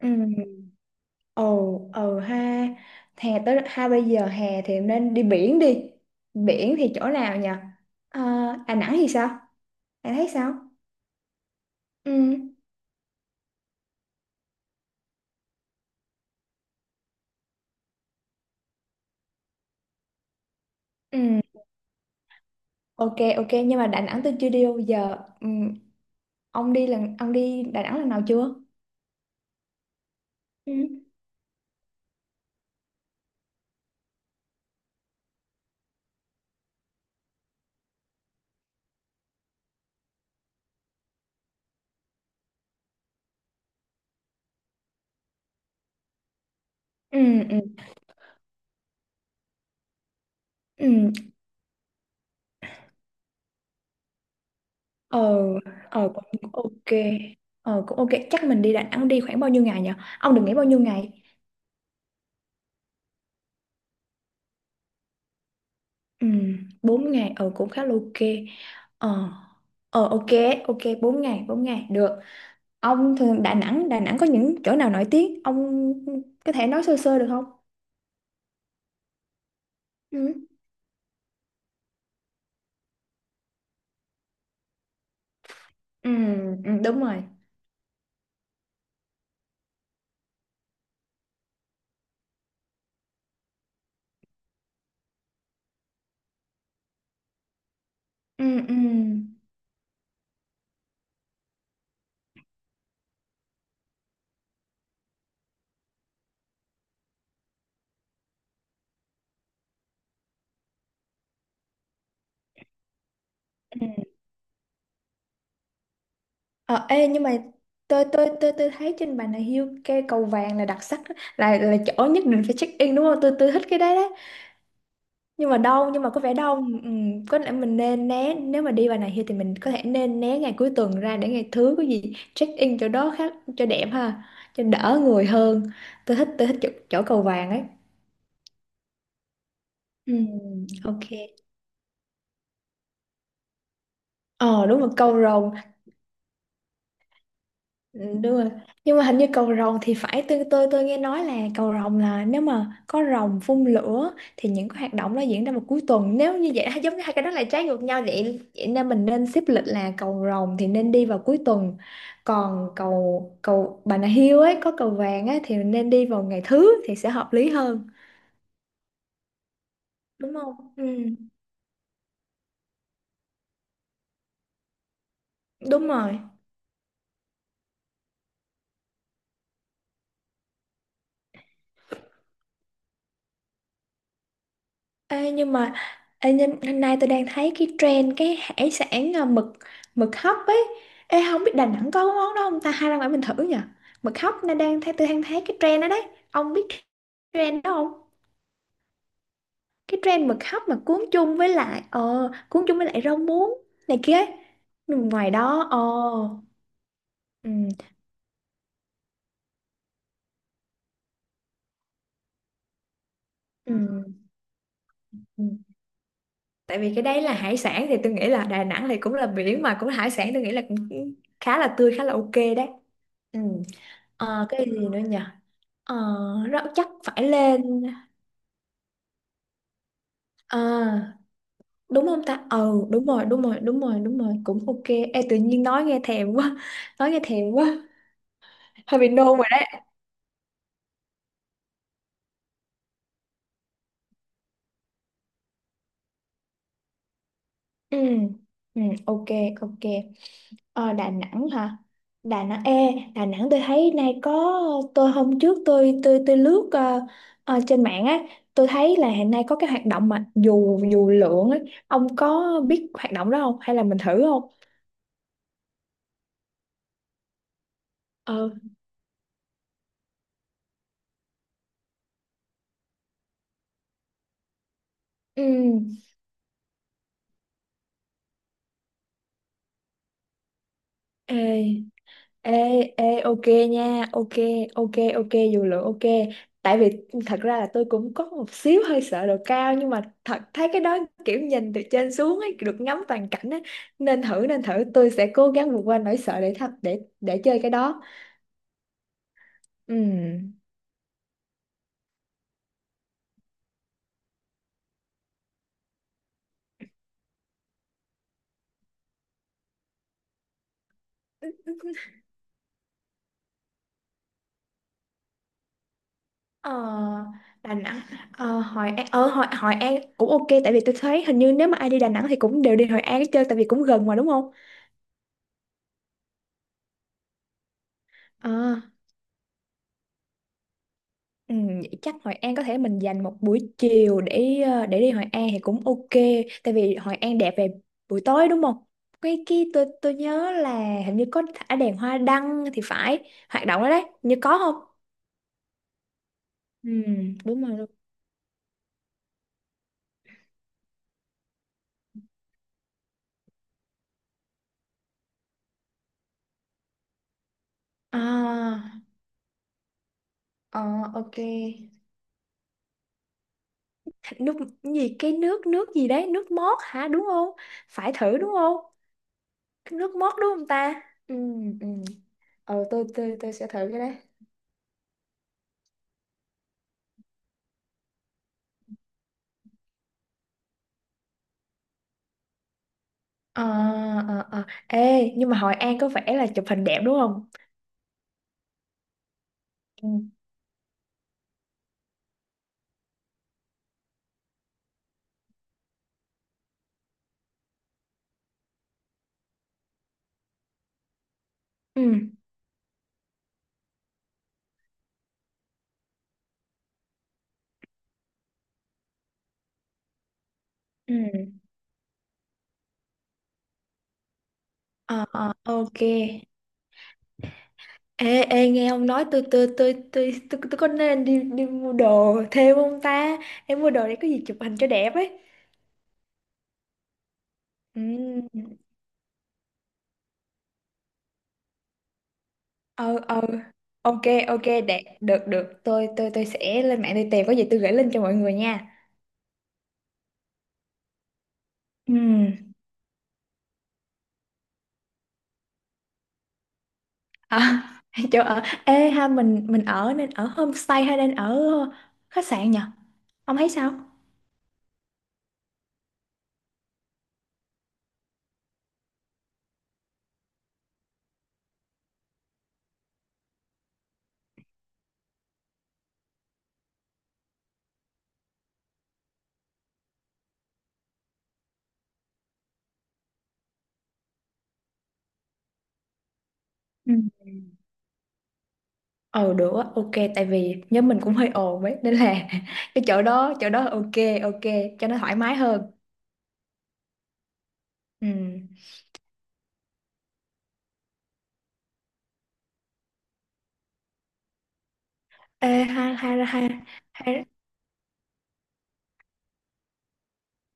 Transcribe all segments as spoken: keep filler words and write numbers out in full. Ừ, ồ, ừ ha. Hè tới ha, bây giờ hè thì nên đi biển đi. Biển thì chỗ nào nhỉ? À, Đà Nẵng thì sao? Bạn thấy sao? Ừ, ừ, ok, ok. Nhưng mà Đà Nẵng tôi chưa đi đâu giờ, ừ. Ông đi lần, ông đi Đà Nẵng lần nào chưa? Ừ, ừ, ừ, ừ. Ờ, ờ, cũng cũng ok. Ờ, cũng ok. Chắc mình đi Đà Nẵng đi khoảng bao nhiêu ngày nhỉ? Ông đừng nghĩ bao nhiêu ngày. Ừ, bốn ngày, ờ, cũng khá là ok. Ờ. Ờ ok, ok bốn ngày, bốn ngày được. Ông thường Đà Nẵng, Đà Nẵng có những chỗ nào nổi tiếng? Ông có thể nói sơ sơ được không? Ừ. Ừ, ừ, đúng rồi. Ừ ừ. Ừ. Ờ, ê nhưng mà tôi tôi tôi tôi thấy trên Bà Nà Hills cái cầu vàng là đặc sắc đó, là là chỗ nhất định phải check in đúng không? Tôi tôi thích cái đấy đó. nhưng mà đau nhưng mà có vẻ đau, ừ. Có lẽ mình nên né, nếu mà đi vào này thì mình có thể nên né ngày cuối tuần ra, để ngày thứ có gì check in chỗ đó khác cho đẹp ha, cho đỡ người hơn. Tôi thích tôi thích chỗ, chỗ cầu vàng ấy. Ừ, ok. Ờ đúng rồi, cầu rồng. Ừ, đúng rồi. Nhưng mà hình như cầu rồng thì phải, tôi tôi tôi nghe nói là cầu rồng là nếu mà có rồng phun lửa thì những cái hoạt động đó diễn ra vào cuối tuần, nếu như vậy giống như hai cái đó là trái ngược nhau vậy, vậy nên mình nên xếp lịch là cầu rồng thì nên đi vào cuối tuần, còn cầu cầu Bà Nà Hills ấy có cầu vàng ấy thì nên đi vào ngày thứ thì sẽ hợp lý hơn, đúng không? Ừ, đúng rồi. Ê, nhưng mà ê, nhưng, hôm nay tôi đang thấy cái trend cái hải sản à, mực mực hấp ấy. Ê, không biết Đà Nẵng có cái món đó không ta, hay ra ngoài mình thử nhỉ? Mực hấp, nên đang thấy tôi đang thấy cái trend đó đấy. Ông biết trend đó không? Cái trend mực hấp mà cuốn chung với lại ờ cuốn chung với lại rau muống này kia ấy. Nhưng ngoài đó ờ ừ, ừ, ừ. Tại vì cái đấy là hải sản thì tôi nghĩ là Đà Nẵng thì cũng là biển mà cũng là hải sản, tôi nghĩ là cũng khá là tươi, khá là ok đấy. Ừ. Ờ, cái gì nữa nhỉ? Ờ, rất chắc phải lên. À, đúng không ta? Ừ, đúng rồi, đúng rồi, đúng rồi, đúng rồi, cũng ok. Ê, tự nhiên nói nghe thèm quá, nói nghe thèm quá, hơi bị nôn rồi đấy. Ừ, ừ, ok, ok. Ờ, Đà Nẵng hả? Đà Nẵng, ê, Đà Nẵng tôi thấy nay có, tôi hôm trước tôi tôi tôi lướt ờ, ờ, trên mạng á, tôi thấy là hiện nay có cái hoạt động mà dù dù lượn ấy, ông có biết hoạt động đó không? Hay là mình thử không? Ờ, ừ. Ê, Ê, ê, ok nha, ok, ok, ok, dù lượng ok. Tại vì thật ra là tôi cũng có một xíu hơi sợ độ cao, nhưng mà thật thấy cái đó kiểu nhìn từ trên xuống ấy, được ngắm toàn cảnh ấy. Nên thử, nên thử, tôi sẽ cố gắng vượt qua nỗi sợ để thật để để chơi cái đó. Ừm. Ờ, Đà Nẵng, ờ, Hội An, ờ, Hội, Hội An cũng ok tại vì tôi thấy hình như nếu mà ai đi Đà Nẵng thì cũng đều đi Hội An chơi, tại vì cũng gần mà đúng không? Ờ. Ừ, vậy chắc Hội An có thể mình dành một buổi chiều để ờ, để đi Hội An thì cũng ok, tại vì Hội An đẹp về buổi tối đúng không? Cái cái tôi tôi nhớ là hình như có thả đèn hoa đăng thì phải, hoạt động đó đấy như có không? Ừ, đúng rồi. Đúng. À. Ờ, ok. nước cái gì? Cái nước nước gì đấy? Nước mót hả đúng không? Phải thử đúng không? Cái nước mót đúng không ta? Ừ, ừ. Ờ, tôi, tôi, tôi sẽ thử cái đấy. Ờ, ờ, ờ. Ê, nhưng mà Hội An có vẻ là chụp hình đẹp đúng không? Ừ. Ừ. Ừ. Ờ, ờ, ok. Ê, ê, nghe ông nói, tôi tôi tôi tôi tôi, tôi có nên đi đi mua đồ thêm không ta? Em mua đồ để có gì chụp hình cho đẹp ấy. Ừ. Ờ, ờ. Ok, ok, đẹp. Được, được. Tôi tôi tôi sẽ lên mạng tôi tìm có gì tôi gửi link cho mọi người nha. Ừ. À, chỗ ở. Ê ha, mình mình ở nên ở homestay hay nên ở khách sạn nhỉ? Ông thấy sao? Ừ. Ừ được á, ok tại vì nhóm mình cũng hơi ồn ấy nên là cái chỗ đó chỗ đó ok ok cho nó thoải mái hơn. Ừ. Ê, hai hai hai hai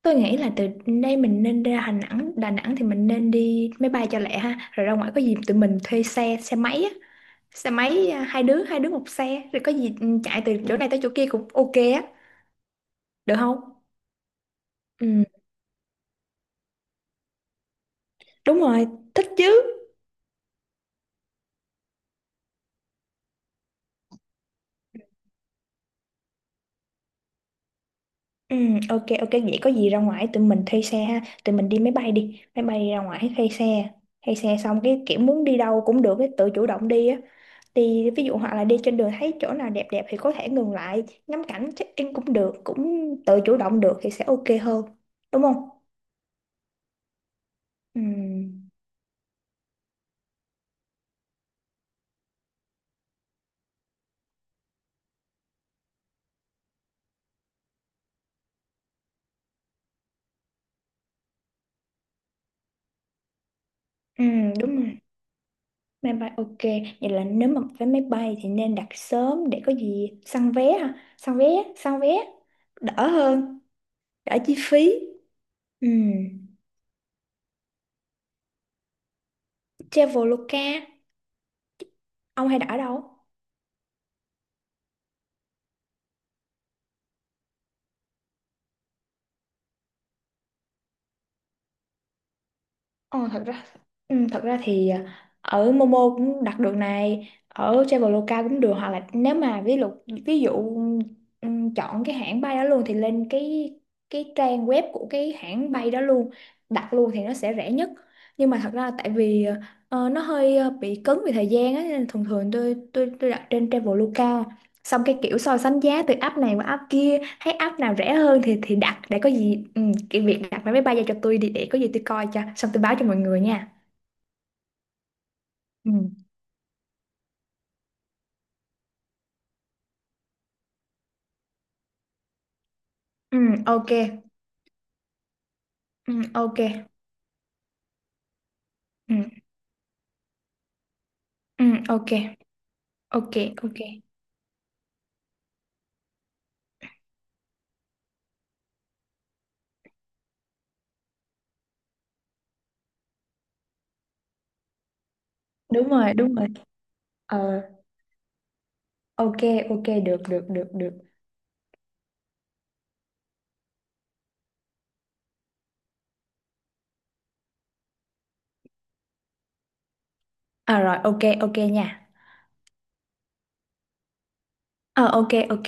tôi nghĩ là từ đây mình nên ra Đà Nẵng, Đà Nẵng thì mình nên đi máy bay cho lẹ ha, rồi ra ngoài có gì tụi mình thuê xe, xe máy á, xe máy à, hai đứa hai đứa một xe, rồi có gì ừ, chạy từ chỗ này tới chỗ kia cũng ok á, được không? Ừ, đúng rồi, thích chứ. Ừ, ok ok vậy có gì ra ngoài tụi mình thuê xe ha, tụi mình đi máy bay đi máy bay ra ngoài thuê xe thuê xe xong cái kiểu muốn đi đâu cũng được, cái tự chủ động đi á, đi ví dụ hoặc là đi trên đường thấy chỗ nào đẹp đẹp thì có thể ngừng lại ngắm cảnh check in cũng được, cũng tự chủ động được thì sẽ ok hơn đúng không? Ừ, ừ đúng rồi, máy bay ok. Vậy là nếu mà vé máy bay thì nên đặt sớm để có gì săn vé ha, săn vé săn vé đỡ hơn, đỡ chi phí. Ừ. Traveloka. Ông hay đã ở đâu? Ờ, thật ra Ừ, thật ra thì ở Momo cũng đặt được này, ở Traveloka cũng được, hoặc là nếu mà ví dụ ví dụ ừm, chọn cái hãng bay đó luôn thì lên cái cái trang web của cái hãng bay đó luôn đặt luôn thì nó sẽ rẻ nhất. Nhưng mà thật ra tại vì ờ, nó hơi ờ, bị cứng về thời gian á nên thường thường tôi tôi tôi đặt trên Traveloka, xong cái kiểu so sánh giá từ app này qua app kia, thấy app nào rẻ hơn thì thì đặt, để có gì ừ, cái việc đặt vé máy bay ra cho tôi đi, để có gì tôi coi cho xong tôi báo cho mọi người nha. Ừ. Ừ ok. Ừ ok. Ừ, ừ ok ok ok. Đúng rồi, đúng rồi. Ờ ok, ok. Được, được, được, được. À rồi, ok ok nha. Ờ ok, ok.